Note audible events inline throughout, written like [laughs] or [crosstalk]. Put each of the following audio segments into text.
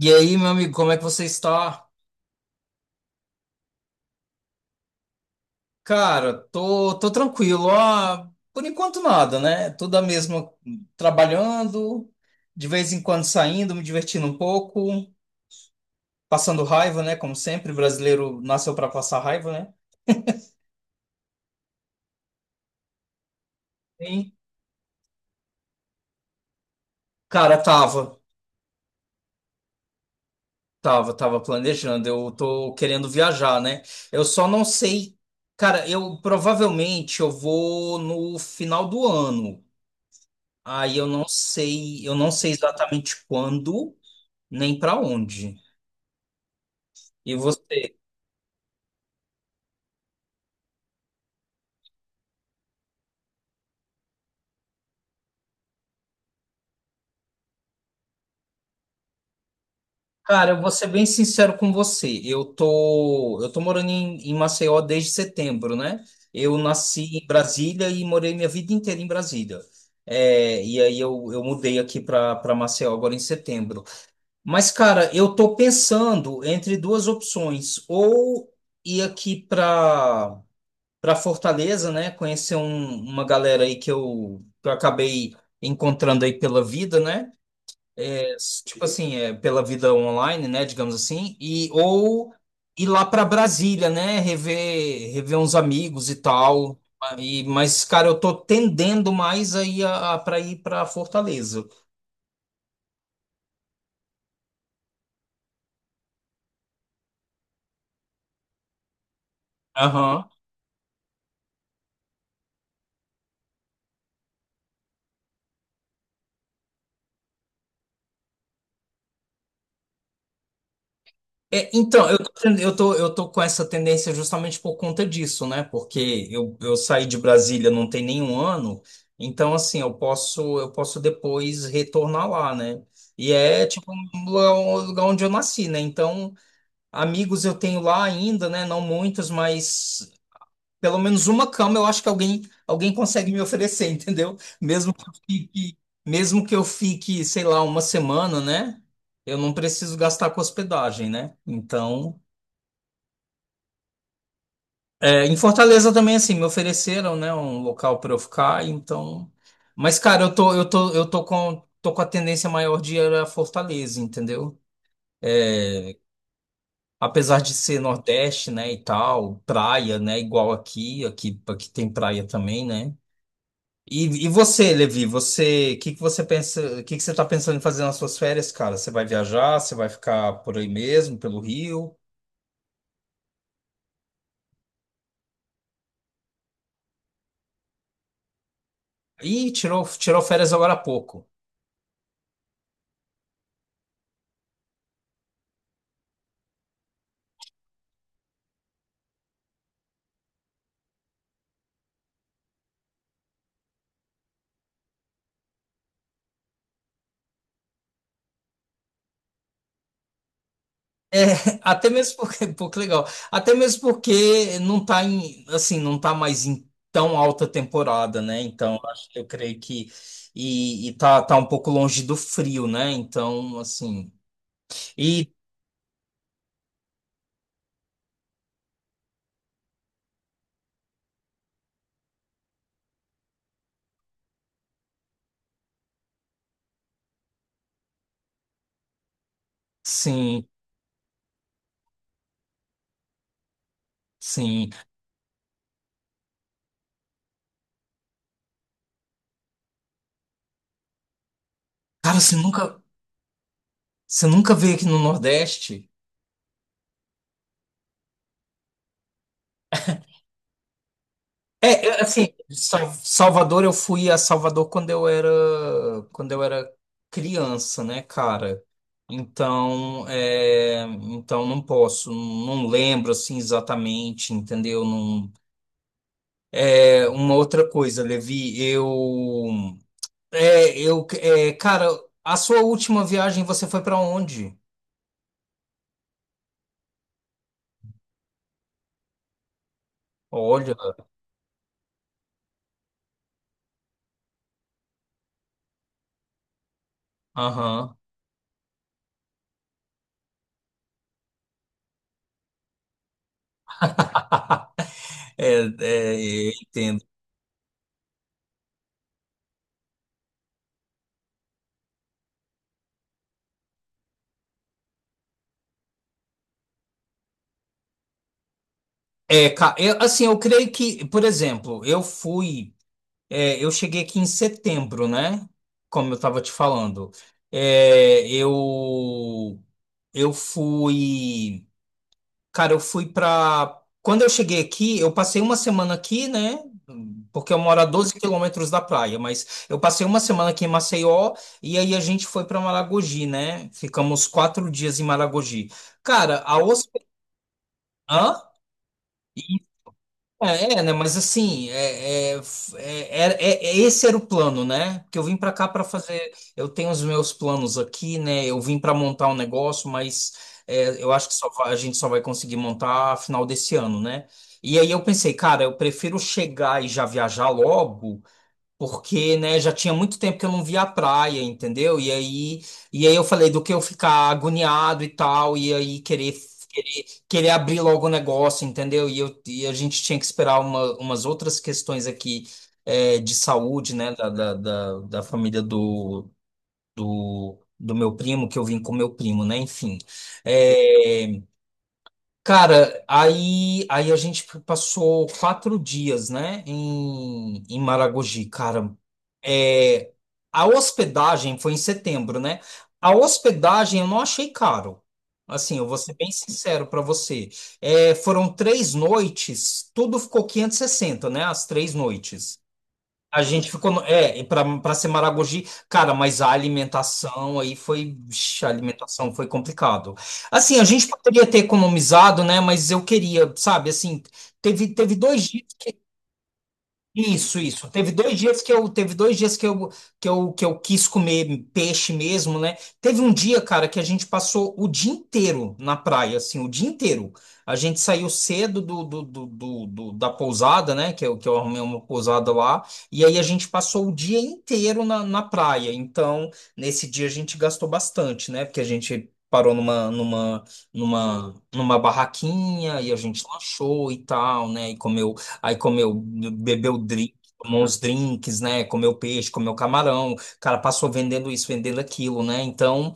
E aí, meu amigo, como é que você está? Cara, tô tranquilo. Por enquanto nada, né? Tudo a mesma, trabalhando, de vez em quando saindo, me divertindo um pouco, passando raiva, né? Como sempre, brasileiro nasceu para passar raiva, né? E, Cara, tava planejando. Eu tô querendo viajar, né? Eu só não sei. Cara, eu provavelmente eu vou no final do ano. Aí eu não sei exatamente quando. Nem pra onde. E você? Cara, eu vou ser bem sincero com você. Eu tô morando em Maceió desde setembro, né? Eu nasci em Brasília e morei minha vida inteira em Brasília. É, e aí eu mudei aqui para Maceió agora em setembro. Mas, cara, eu tô pensando entre duas opções. Ou ir aqui para Fortaleza, né? Conhecer uma galera aí que eu acabei encontrando aí pela vida, né? Tipo assim, é, pela vida online, né, digamos assim, e ou ir lá para Brasília, né, rever uns amigos e tal. E, mas, cara, eu tô tendendo mais aí para ir para Fortaleza. Aham. É, então, eu tô, tendo- eu tô com essa tendência justamente por conta disso, né? Porque eu saí de Brasília não tem nenhum ano, então assim, eu posso depois retornar lá, né? E é tipo um lugar onde eu nasci, né? Então amigos eu tenho lá ainda, né? Não muitos, mas pelo menos uma cama eu acho que alguém consegue me oferecer, [laughs] entendeu? Mesmo que eu fique, sei lá, uma semana, né? Eu não preciso gastar com hospedagem, né? Então, é, em Fortaleza também assim me ofereceram, né, um local para eu ficar, então. Mas cara, eu tô eu tô eu tô com a tendência maior de ir a Fortaleza, entendeu? Apesar de ser Nordeste, né, e tal, praia, né, igual aqui tem praia também, né? E você, Levi, você, o que que você pensa, o que que você tá pensando em fazer nas suas férias, cara? Você vai viajar, você vai ficar por aí mesmo, pelo Rio? Ih, tirou férias agora há pouco. É, [laughs] até mesmo porque, [laughs] pô, que legal. Até mesmo porque não tá em, assim, não tá mais em tão alta temporada, né? Então, acho que eu creio que tá, tá um pouco longe do frio, né? Então, assim, e sim, sim. Cara, você nunca veio aqui no Nordeste? Assim, Salvador, eu fui a Salvador quando eu era criança, né, cara? Então, é, então não posso, não lembro assim exatamente, entendeu? Não, é, uma outra coisa, Levi, cara, a sua última viagem você foi pra onde? Olha, aham. [laughs] É, é, eu entendo. É, assim, eu creio que, por exemplo, eu cheguei aqui em setembro, né? Como eu estava te falando. É, eu fui, eu fui para. Quando eu cheguei aqui, eu passei uma semana aqui, né? Porque eu moro a 12 km da praia, mas eu passei uma semana aqui em Maceió e aí a gente foi para Maragogi, né? Ficamos 4 dias em Maragogi. Cara, a hospedagem. É, é, né? Mas assim, esse era o plano, né? Que eu vim para cá para fazer. Eu tenho os meus planos aqui, né? Eu vim para montar um negócio, mas é, eu acho que a gente só vai conseguir montar final desse ano, né? E aí eu pensei, cara, eu prefiro chegar e já viajar logo porque, né, já tinha muito tempo que eu não via a praia, entendeu? E aí eu falei do que eu ficar agoniado e tal, querer abrir logo o negócio, entendeu? E a gente tinha que esperar umas outras questões aqui, é, de saúde, né, da família do meu primo, que eu vim com meu primo, né, enfim. eh, Cara, aí a gente passou 4 dias, né, em Maragogi. Cara, é, a hospedagem foi em setembro, né? A hospedagem eu não achei caro. Assim, eu vou ser bem sincero para você. É, foram 3 noites, tudo ficou 560, né? As 3 noites. A gente ficou. É, para ser Maragogi, cara, mas a alimentação aí foi. Vixe, a alimentação foi complicado. Assim, a gente poderia ter economizado, né? Mas eu queria, sabe, assim, teve, teve dois isso, isso. Teve dois dias que eu quis comer peixe mesmo, né? Teve um dia, cara, que a gente passou o dia inteiro na praia, assim, o dia inteiro. A gente saiu cedo da pousada, né? Que eu arrumei uma pousada lá. E aí a gente passou o dia inteiro na praia. Então, nesse dia a gente gastou bastante, né? Porque a gente parou numa barraquinha e a gente lanchou e tal, né? E comeu. Aí comeu, bebeu drink, tomou uns drinks, né? Comeu peixe, comeu camarão. O cara passou vendendo isso, vendendo aquilo, né? Então,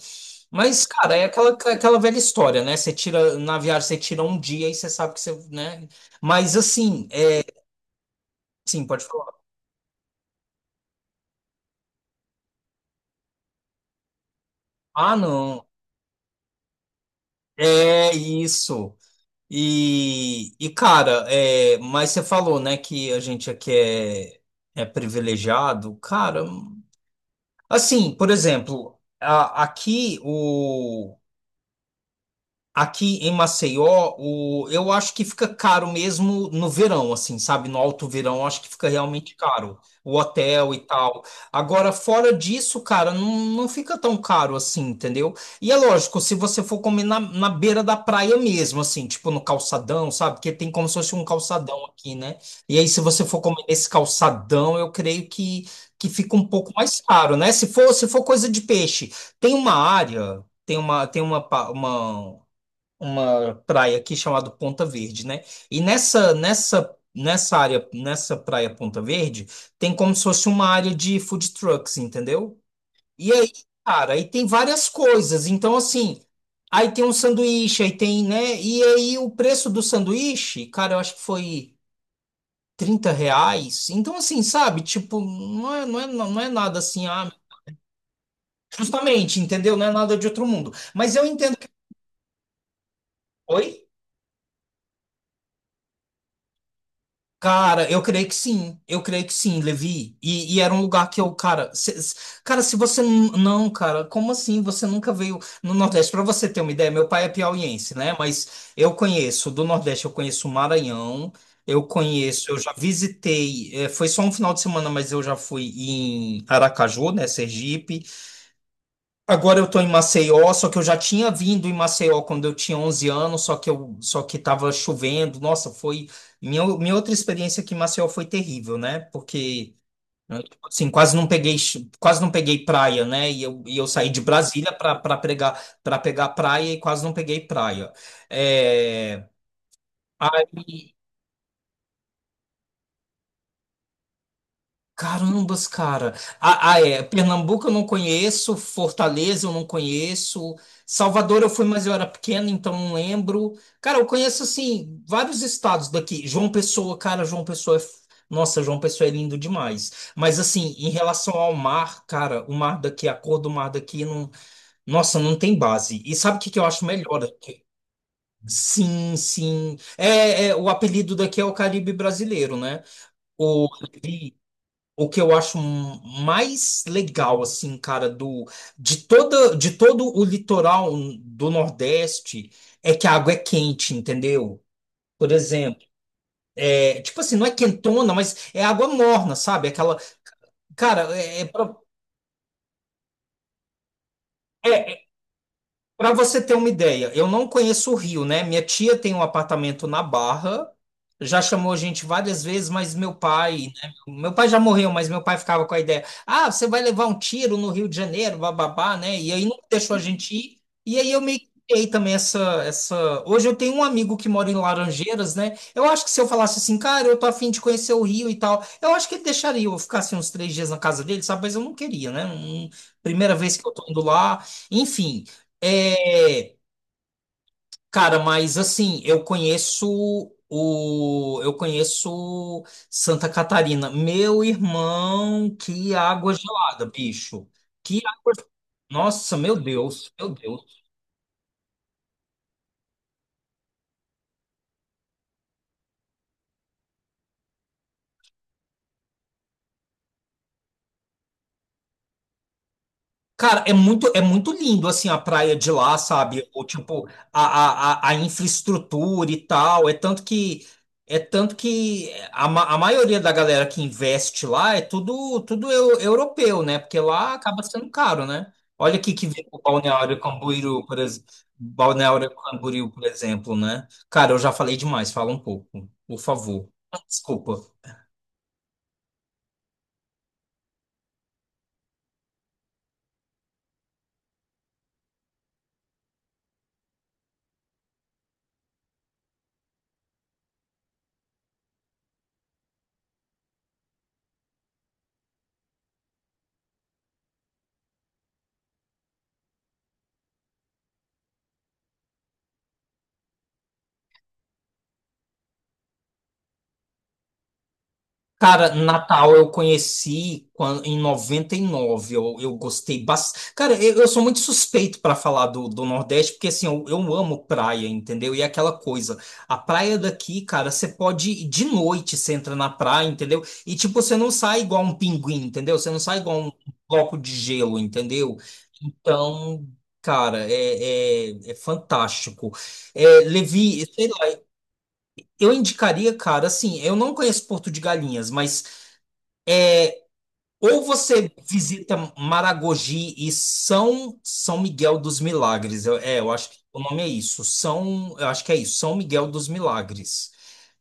mas, cara, é aquela, aquela velha história, né? Você tira, na viagem, você tira um dia e você sabe que você, né? Mas assim, é assim, pode falar. Ah, não. É isso. E cara, é, mas você falou, né, que a gente aqui é, é privilegiado. Cara, assim, por exemplo, aqui em Maceió, o, eu acho que fica caro mesmo no verão, assim, sabe? No alto verão, eu acho que fica realmente caro. O hotel e tal. Agora, fora disso, cara, não, não fica tão caro assim, entendeu? E é lógico, se você for comer na beira da praia mesmo, assim, tipo no calçadão, sabe? Porque tem como se fosse um calçadão aqui, né? E aí, se você for comer nesse calçadão, eu creio que fica um pouco mais caro, né? Se for coisa de peixe, tem uma área. Tem uma, pa- uma praia aqui chamada Ponta Verde, né? E nessa área, nessa praia Ponta Verde, tem como se fosse uma área de food trucks, entendeu? E aí, cara, aí tem várias coisas. Então, assim, aí tem um sanduíche, aí tem, né? E aí o preço do sanduíche, cara, eu acho que foi R$ 30. Então, assim, sabe? Tipo, não é nada assim, ah, justamente, entendeu? Não é nada de outro mundo. Mas eu entendo que. Oi? Cara, eu creio que sim, Levi. E era um lugar que eu, cara, cara, se você não, cara, como assim? Você nunca veio no Nordeste? Pra você ter uma ideia, meu pai é piauiense, né? Mas eu conheço do Nordeste, eu conheço o Maranhão, eu já visitei, foi só um final de semana, mas eu já fui em Aracaju, né, Sergipe. Agora eu tô em Maceió, só que eu já tinha vindo em Maceió quando eu tinha 11 anos, só que tava chovendo. Nossa, foi minha outra experiência aqui em Maceió foi terrível, né? Porque né, tipo assim, quase não peguei praia, né? E eu saí de Brasília para pegar praia e quase não peguei praia. É, carambas, cara. É. Pernambuco eu não conheço, Fortaleza eu não conheço, Salvador eu fui, mas eu era pequeno, então não lembro. Cara, eu conheço, assim, vários estados daqui. João Pessoa, cara, João Pessoa é. F- nossa, João Pessoa é lindo demais. Mas, assim, em relação ao mar, cara, o mar daqui, a cor do mar daqui, não... nossa, não tem base. E sabe o que que eu acho melhor aqui? Sim, sim. É, é, o apelido daqui é o Caribe brasileiro, né? O o que eu acho mais legal, assim, cara, de toda, de todo o litoral do Nordeste é que a água é quente, entendeu? Por exemplo, é, tipo assim, não é quentona, mas é água morna, sabe? Aquela, cara, é. Para você ter uma ideia, eu não conheço o Rio, né? Minha tia tem um apartamento na Barra, já chamou a gente várias vezes, mas meu pai, né? Meu pai já morreu, mas meu pai ficava com a ideia: ah, você vai levar um tiro no Rio de Janeiro, bababá, né? E aí não deixou a gente ir. E aí eu meio que criei também essa, essa. Hoje eu tenho um amigo que mora em Laranjeiras, né? Eu acho que se eu falasse assim, cara, eu tô afim de conhecer o Rio e tal, eu acho que ele deixaria eu ficar assim uns 3 dias na casa dele, sabe? Mas eu não queria, né? Primeira vez que eu tô indo lá. Enfim, é, cara, mas assim, eu conheço Santa Catarina. Meu irmão, que água gelada, bicho. Que água, nossa, meu Deus, meu Deus. Cara, é muito lindo assim a praia de lá, sabe? Ou tipo a infraestrutura e tal. É tanto que a maioria da galera que investe lá é tudo europeu, né? Porque lá acaba sendo caro, né? Olha aqui que vem o Balneário Camboriú, por exemplo, Balneário Camboriú, por exemplo, né? Cara, eu já falei demais, fala um pouco, por favor. [laughs] Desculpa. Cara, Natal eu conheci em 99 eu gostei bastante. Cara, eu sou muito suspeito para falar do Nordeste, porque assim, eu amo praia, entendeu? E é aquela coisa, a praia daqui, cara, você pode ir de noite, você entra na praia, entendeu? E tipo, você não sai igual um pinguim, entendeu? Você não sai igual um bloco de gelo, entendeu? Então, cara, é fantástico. É, Levi, sei lá, eu indicaria, cara, assim, eu não conheço Porto de Galinhas, mas ou você visita Maragogi e São Miguel dos Milagres. Eu acho que o nome é isso. São, eu acho que é isso. São Miguel dos Milagres.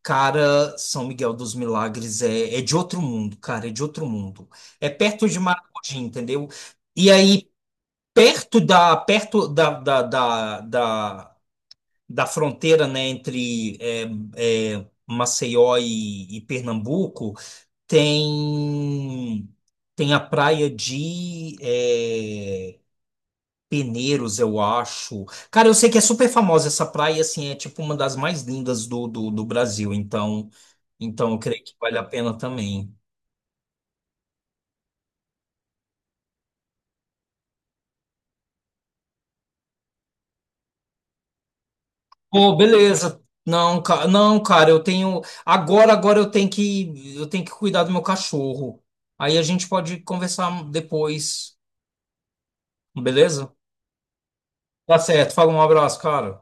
Cara, São Miguel dos Milagres é, é de outro mundo, cara, é de outro mundo. É perto de Maragogi, entendeu? E aí, perto da fronteira, né, entre é, é, Maceió e Pernambuco, tem, tem a praia de é, Peneiros, eu acho. Cara, eu sei que é super famosa essa praia, assim, é tipo uma das mais lindas do Brasil, então, então eu creio que vale a pena também. Pô, beleza. Não, não, cara, eu tenho. Agora eu tenho que cuidar do meu cachorro. Aí a gente pode conversar depois, beleza? Tá certo, fala um abraço, cara.